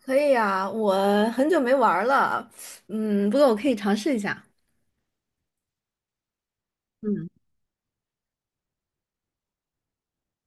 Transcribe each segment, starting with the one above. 可以呀，我很久没玩儿了，不过我可以尝试一下。嗯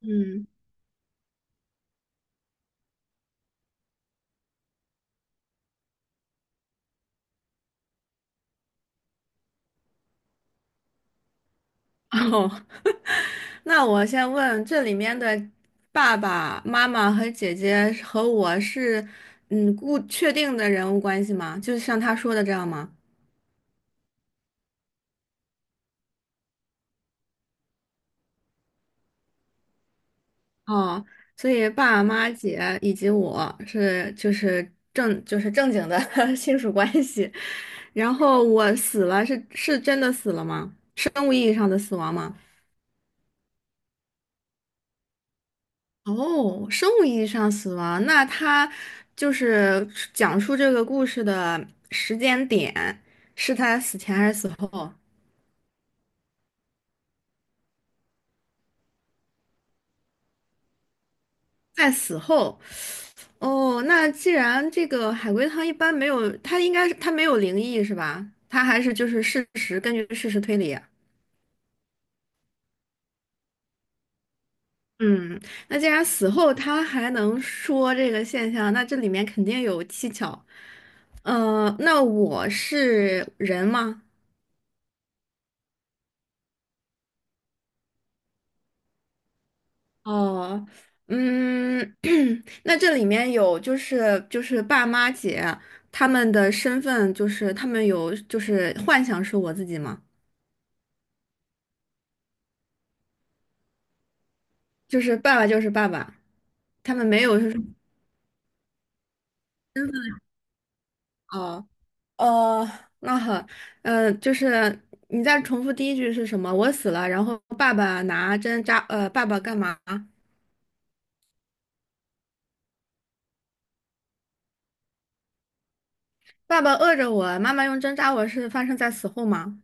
嗯，哦，那我先问，这里面的爸爸妈妈和姐姐和我是确定的人物关系吗？就是像他说的这样吗？哦，所以爸爸妈妈姐以及我是就是正就是正经的 亲属关系，然后我死了是真的死了吗？生物意义上的死亡吗？哦，生物意义上死亡，那他就是讲述这个故事的时间点，是他死前还是死后？在死后。哦，那既然这个海龟汤一般没有，它应该是它没有灵异是吧？它还是就是事实，根据事实推理啊。嗯，那既然死后他还能说这个现象，那这里面肯定有蹊跷。那我是人吗？哦，嗯，那这里面有就是爸妈姐他们的身份，就是他们有就是幻想是我自己吗？就是爸爸就是爸爸，他们没有就是身份哦哦，那好，呃，就是你再重复第一句是什么？我死了，然后爸爸拿针扎，爸爸干嘛？爸爸饿着我，妈妈用针扎我是发生在死后吗？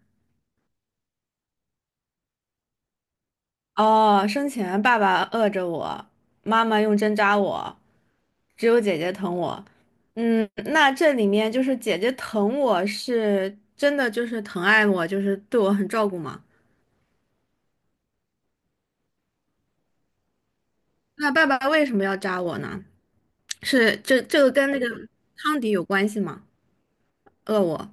哦，生前爸爸饿着我，妈妈用针扎我，只有姐姐疼我。嗯，那这里面就是姐姐疼我是真的就是疼爱我，就是对我很照顾吗？那爸爸为什么要扎我呢？是这个跟那个汤底有关系吗？饿我，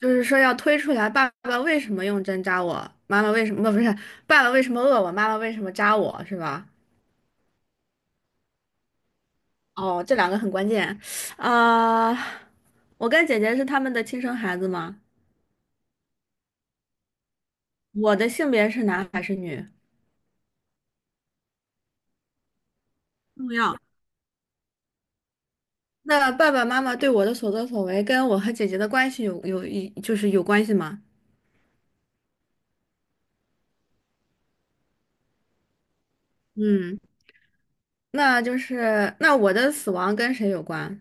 就是说要推出来爸爸为什么用针扎我，妈妈为什么不不是爸爸为什么饿我，妈妈为什么扎我是吧？哦，这两个很关键啊，我跟姐姐是他们的亲生孩子吗？我的性别是男还是女？重要。那爸爸妈妈对我的所作所为跟我和姐姐的关系有有一就是有关系吗？嗯，那我的死亡跟谁有关？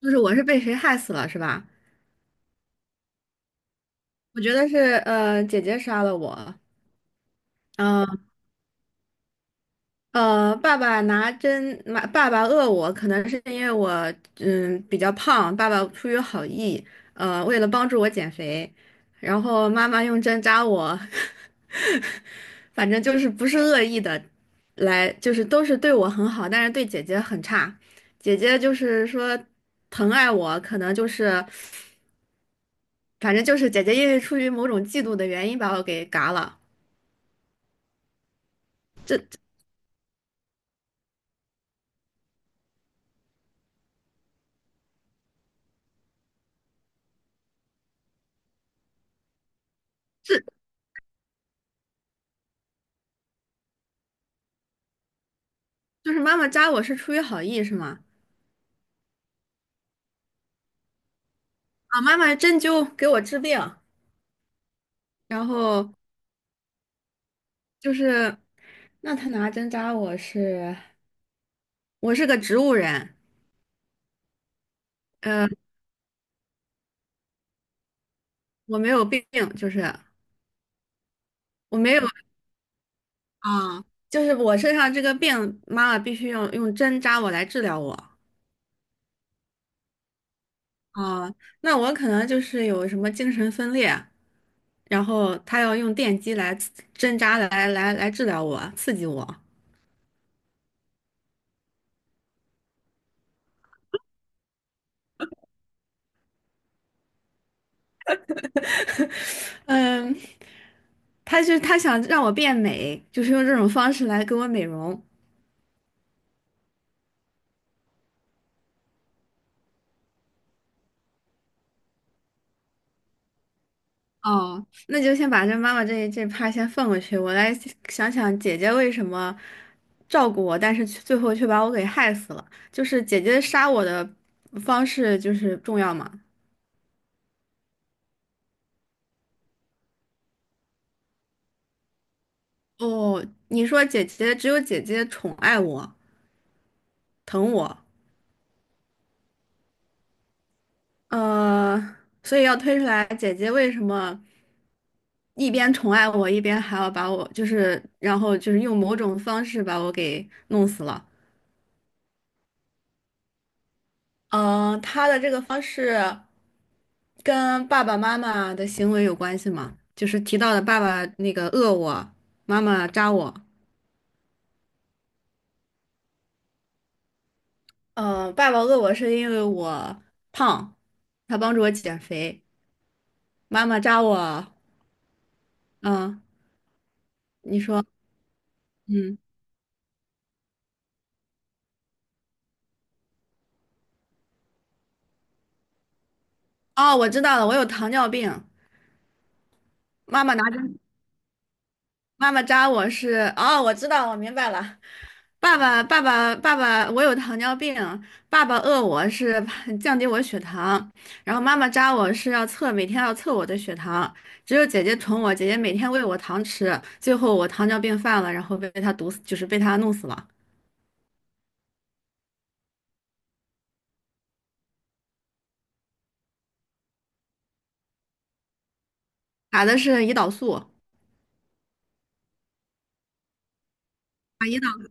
就是我是被谁害死了是吧？我觉得是姐姐杀了我，嗯。爸爸拿针，妈，爸爸饿我，可能是因为我比较胖，爸爸出于好意，为了帮助我减肥，然后妈妈用针扎我，反正就是不是恶意的，来就是都是对我很好，但是对姐姐很差，姐姐就是说疼爱我，可能就是反正就是姐姐因为出于某种嫉妒的原因把我给嘎了，这这就是妈妈扎我是出于好意是吗？啊，妈妈针灸给我治病，然后就是，那他拿针扎我是，我是个植物人，呃，我没有病，就是我没有啊，就是我身上这个病，妈妈必须用针扎我来治疗我啊，那我可能就是有什么精神分裂，然后他要用电击针扎来治疗我，刺激我，嗯，他就他想让我变美，就是用这种方式来给我美容。哦，那就先把这妈妈这趴先放过去，我来想想姐姐为什么照顾我，但是却最后却把我给害死了。就是姐姐杀我的方式就是重要嘛。哦，你说姐姐只有姐姐宠爱我、疼我，呃，所以要推出来姐姐为什么一边宠爱我，一边还要把我就是，然后就是用某种方式把我给弄死了。嗯，他的这个方式跟爸爸妈妈的行为有关系吗？就是提到的爸爸那个饿我，妈妈扎我。嗯，爸爸饿我是因为我胖，他帮助我减肥。妈妈扎我，嗯，你说，嗯，哦，我知道了，我有糖尿病。妈妈拿针妈妈扎我是，哦，我知道，我明白了。爸爸，我有糖尿病，爸爸饿我是 降低我血糖，然后妈妈扎我是要测，每天要测我的血糖。只有姐姐宠我，姐姐每天喂我糖吃，最后我糖尿病犯了，然后被她毒死，就是被她弄死了。打的是胰岛素，把胰岛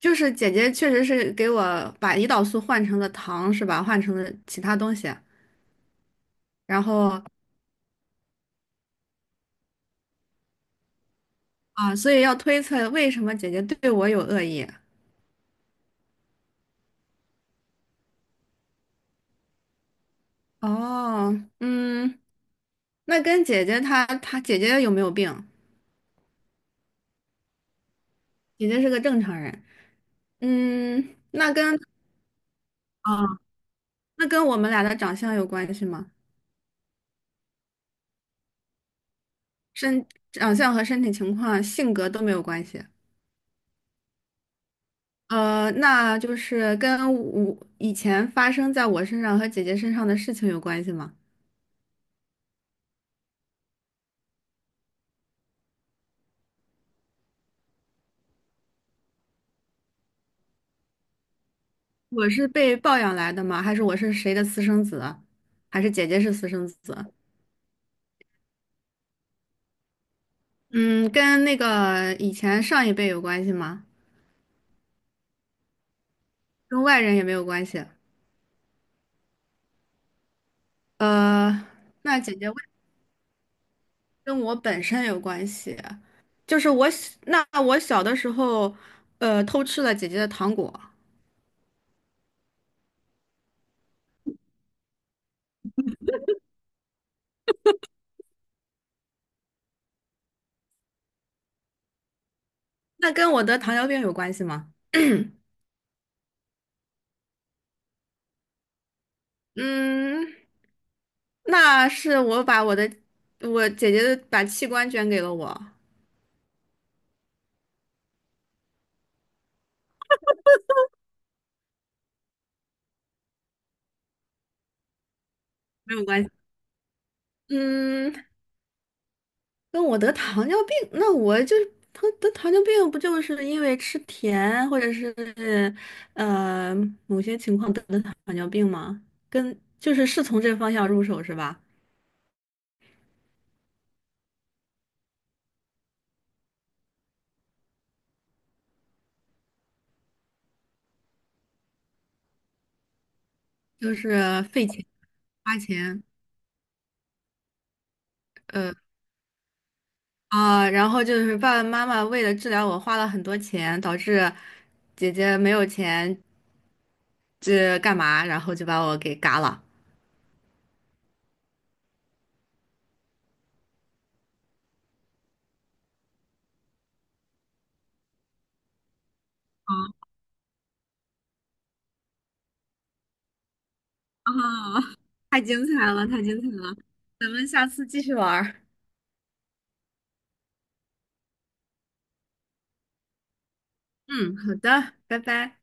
就是姐姐确实是给我把胰岛素换成了糖，是吧？换成了其他东西，然后啊，所以要推测为什么姐姐对我有恶意。哦，嗯，那跟姐姐她她姐姐有没有病？姐姐是个正常人。嗯，那跟啊，那跟我们俩的长相有关系吗？身长相和身体情况、性格都没有关系。呃，那就是跟我以前发生在我身上和姐姐身上的事情有关系吗？我是被抱养来的吗？还是我是谁的私生子？还是姐姐是私生子？嗯，跟那个以前上一辈有关系吗？跟外人也没有关系。呃，那姐姐为什么跟我本身有关系，就是我小的时候，偷吃了姐姐的糖果，那跟我得糖尿病有关系吗？嗯，那是我姐姐的把器官捐给了我，没有关系。嗯，跟我得糖尿病，那我就是得糖尿病，不就是因为吃甜或者是呃某些情况得的糖尿病吗？跟就是是从这方向入手是吧？就是费钱花钱，呃啊，然后就是爸爸妈妈为了治疗我花了很多钱，导致姐姐没有钱这干嘛，然后就把我给嘎了。啊，太精彩了，太精彩了，咱们下次继续玩儿嗯，好的，拜拜。